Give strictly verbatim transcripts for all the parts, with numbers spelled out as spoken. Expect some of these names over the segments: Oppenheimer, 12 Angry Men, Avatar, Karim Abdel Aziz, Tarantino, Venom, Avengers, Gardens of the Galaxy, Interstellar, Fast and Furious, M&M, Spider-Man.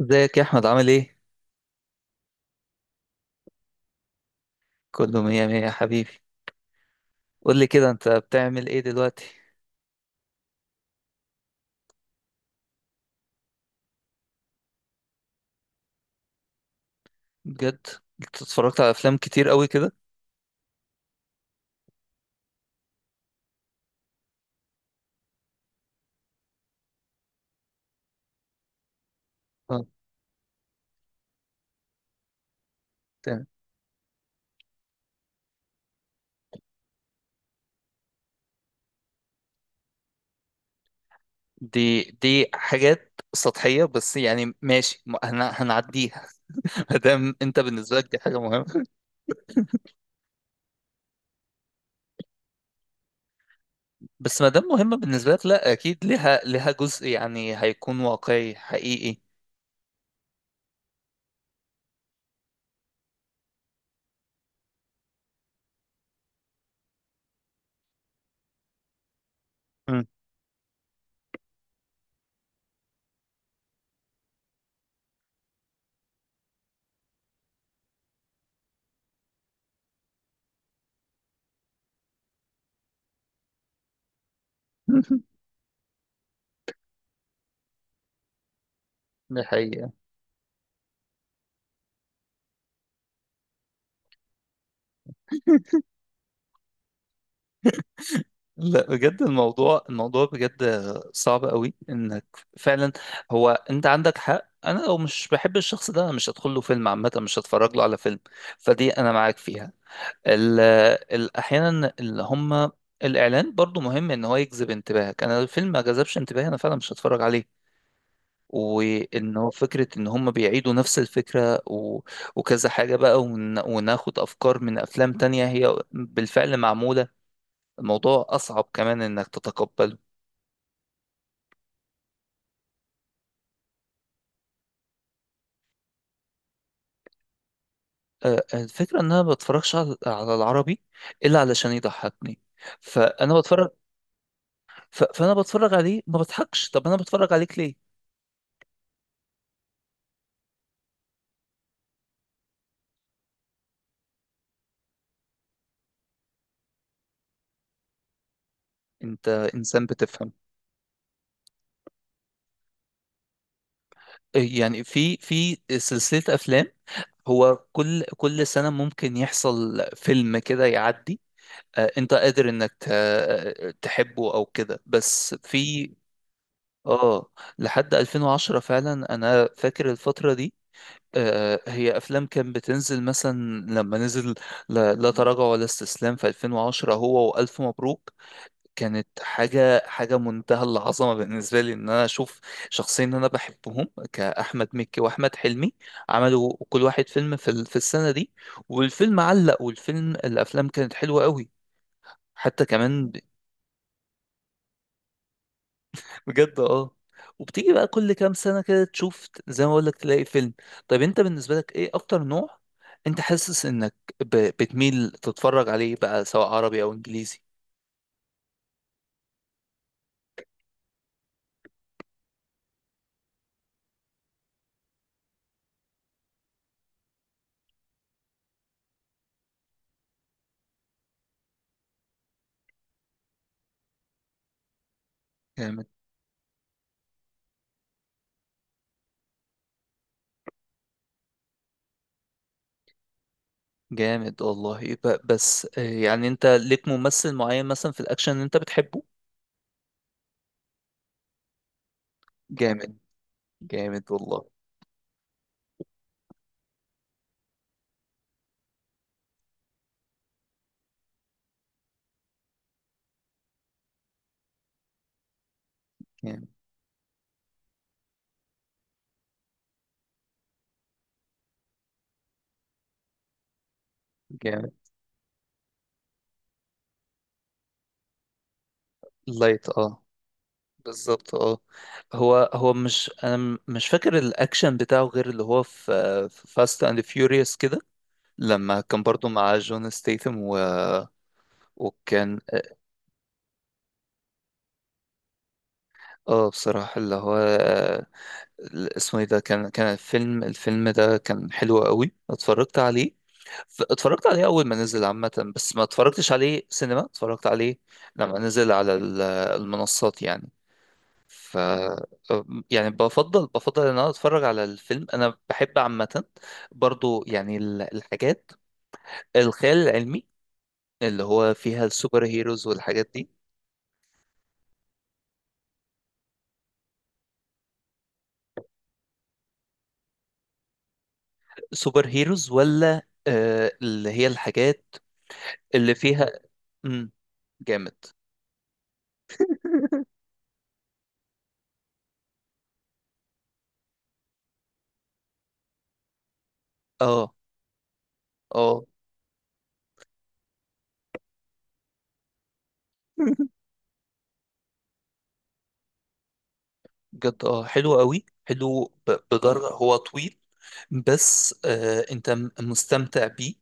ازيك يا احمد عامل ايه؟ كله مية مية يا حبيبي. قول لي كده، انت بتعمل ايه دلوقتي؟ بجد، انت اتفرجت على افلام كتير قوي كده. اه، تمام. دي دي حاجات سطحية، بس يعني ماشي، م- هن- هنعديها. ما دام انت بالنسبة لك دي حاجة مهمة. بس ما دام مهمة بالنسبة لك، لا اكيد ليها ليها جزء يعني هيكون واقعي حقيقي. مم. دي حقيقة. لا بجد، الموضوع الموضوع بجد صعب قوي انك فعلا. هو انت عندك حق، انا لو مش بحب الشخص ده انا مش هدخل له فيلم، عامه مش هتفرج له على فيلم. فدي انا معاك فيها. ال ال احيانا اللي هم الاعلان برضو مهم ان هو يجذب انتباهك. انا لو الفيلم ما جذبش انتباهي انا فعلا مش هتفرج عليه. وان هو فكره ان هم بيعيدوا نفس الفكره و... وكذا حاجه بقى ون... وناخد افكار من افلام تانية هي بالفعل معموله. الموضوع أصعب كمان إنك تتقبله. آه، آه، الفكرة إن أنا ما بتفرجش على على العربي إلا علشان يضحكني. فأنا بتفرج. ف... فأنا بتفرج عليه ما بضحكش، طب أنا بتفرج عليك ليه؟ أنت إنسان بتفهم. آه، يعني في في سلسلة أفلام. هو كل كل سنة ممكن يحصل فيلم كده يعدي. آه، أنت قادر إنك ت... آه، تحبه أو كده، بس في آه لحد ألفين وعشرة فعلا أنا فاكر الفترة دي. آه، هي افلام كان بتنزل مثلا لما نزل لا لا تراجع ولا استسلام في ألفين وعشرة هو والف مبروك. كانت حاجه حاجه منتهى العظمه بالنسبه لي ان انا اشوف شخصين انا بحبهم كاحمد مكي واحمد حلمي. عملوا كل واحد فيلم في ال- في السنه دي. والفيلم علق والفيلم الافلام كانت حلوه قوي حتى كمان. بجد اه. وبتيجي بقى كل كام سنة كده تشوف زي ما بقول لك تلاقي فيلم. طيب انت بالنسبة لك ايه اكتر نوع انت حاسس انك ب... بتميل تتفرج عليه بقى، سواء عربي او انجليزي؟ جامد. جامد والله. ب... بس آه، يعني انت ليك ممثل معين مثلا في الاكشن انت بتحبه؟ جامد. جامد والله. جامد. جامد. لايت، اه. بالظبط، اه. هو هو مش انا، م- مش فاكر الاكشن بتاعه غير اللي هو في فاست اند فيوريوس كده، لما كان برضو مع جون ستيثم و... وكان اه بصراحة اللي هو آه، اسمه ايه ده، كان كان الفيلم الفيلم ده كان حلو قوي. اتفرجت عليه. ف- اتفرجت عليه اول ما نزل عامة، بس ما اتفرجتش عليه سينما، اتفرجت عليه لما نزل على ال- المنصات يعني. ف يعني بفضل بفضل ان انا اتفرج على الفيلم، انا بحب عامة برضو يعني ال- الحاجات الخيال العلمي اللي هو فيها السوبر هيروز والحاجات دي. سوبر هيروز ولا آه اللي هي الحاجات اللي فيها؟ امم. جامد. اه. اه بجد اه، حلو قوي، حلو ب- بدرجة. هو طويل بس آه انت م- مستمتع بيه.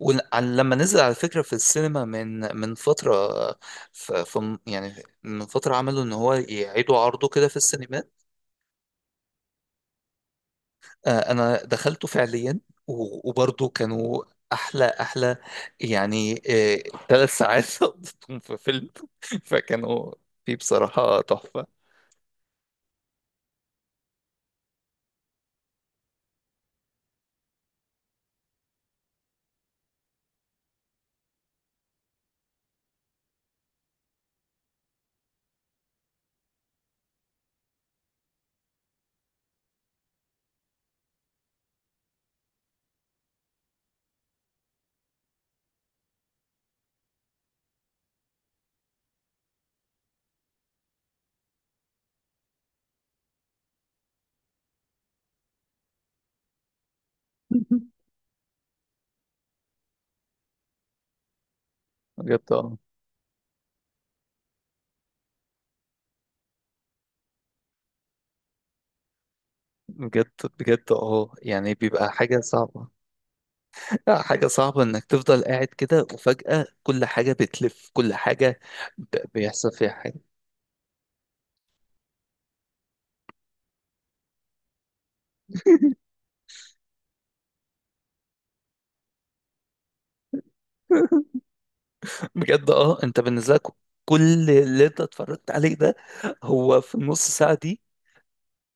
ولما نزل على فكرة في السينما من من فترة آه، ف- ف- يعني من فترة عملوا ان هو يعيدوا عرضه كده في السينما. آه، انا دخلته فعليا و- وبرضه كانوا احلى احلى يعني، ثلاث ساعات قضيتهم في فيلم، فكانوا فيه بصراحة تحفة. بجد اه. بجد. بجد اه، يعني بيبقى حاجة صعبة. آه، حاجة صعبة انك تفضل قاعد كده وفجأة كل حاجة بتلف، كل حاجة ب- بيحصل فيها حاجة. بجد اه، انت بالنسبة لك كل اللي انت اتفرجت عليه ده هو في النص ساعة دي.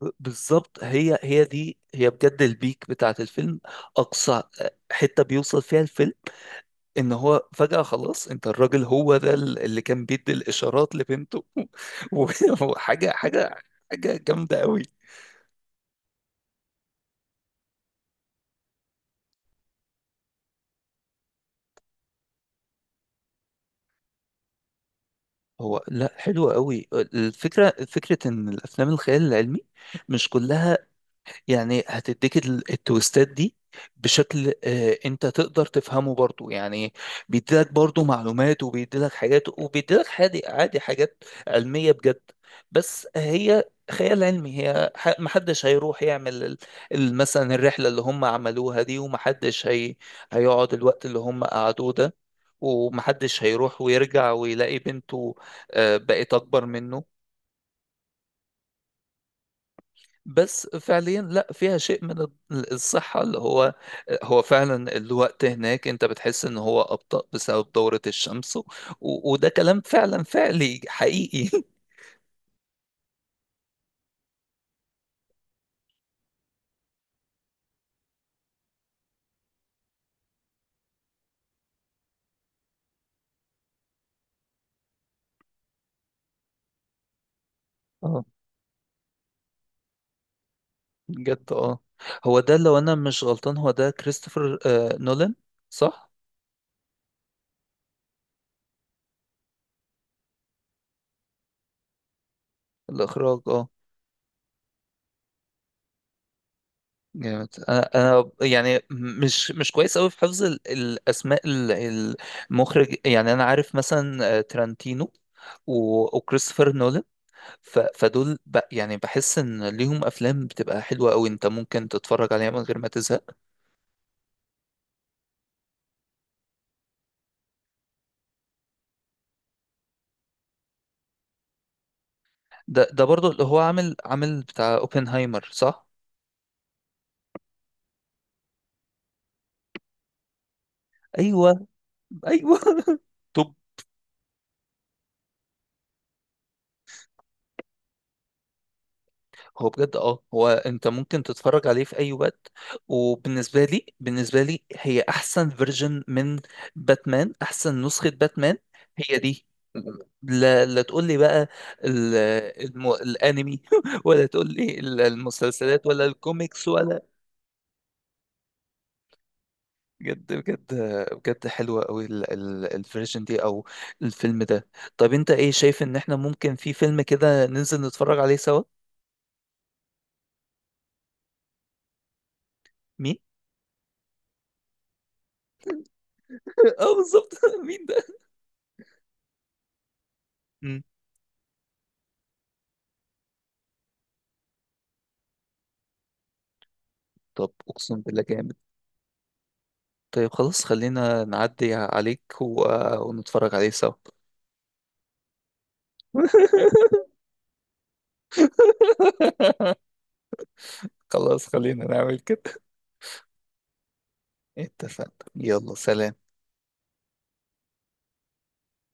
ب- بالظبط، هي هي دي هي بجد البيك بتاعت الفيلم. اقصى آه، حتة بيوصل فيها الفيلم، ان هو فجأة خلاص انت الراجل هو ده ال- اللي كان بيدي الاشارات لبنته وحاجة حاجة حاجة جامدة قوي. هو لا، حلو قوي الفكرة، فكرة ان الافلام الخيال العلمي مش كلها يعني هتديك ال- التويستات دي بشكل آه، انت تقدر تفهمه برضو يعني. بيديلك برضو معلومات وبيديلك حاجات وبيديلك حادي عادي حاجات علمية بجد. بس هي خيال علمي، هي ح- محدش هيروح يعمل ال- ال- مثلا الرحلة اللي هم عملوها دي، ومحدش هي هيقعد الوقت اللي هم قعدوه ده، ومحدش هيروح ويرجع ويلاقي بنته آه، بقت أكبر منه. بس فعليا لا، فيها شيء من ال- الصحة. اللي هو هو فعلا الوقت هناك انت بتحس ان هو أبطأ بسبب دورة الشمس و... وده كلام فعلا فعلي حقيقي. اه بجد اه، هو ده لو انا مش غلطان هو ده كريستوفر آه نولان، صح؟ الاخراج اه. جامد. انا انا يعني مش مش كويس قوي في حفظ ال- الاسماء ال- المخرج يعني. انا عارف مثلا آه، ترانتينو و- وكريستوفر نولان. ف... فدول ب... يعني بحس ان ليهم افلام بتبقى حلوه قوي، انت ممكن تتفرج عليها من غير ما تزهق. ده ده برضو اللي هو عامل، عامل بتاع اوبنهايمر، صح؟ ايوه. ايوه. طب، هو بجد اه، هو انت ممكن تتفرج عليه في اي وقت. وبالنسبه لي بالنسبه لي هي احسن فيرجن من باتمان، احسن نسخه باتمان هي دي. لا لا، تقول لي بقى ال- الم... الانمي ولا تقول لي ال- المسلسلات، ولا الكوميكس، ولا بجد بجد. بجد حلوة قوي ال- ال- الفيرجن دي او الفيلم ده. طب انت ايه شايف ان احنا ممكن في فيلم كده ننزل نتفرج عليه سوا؟ مين؟ اه بالظبط، مين ده؟ مم. طب اقسم بالله، جامد. طيب خلاص، خلينا نعدي عليك و... ونتفرج عليه سوا. خلاص خلينا نعمل كده. اتفقنا، يلا سلام.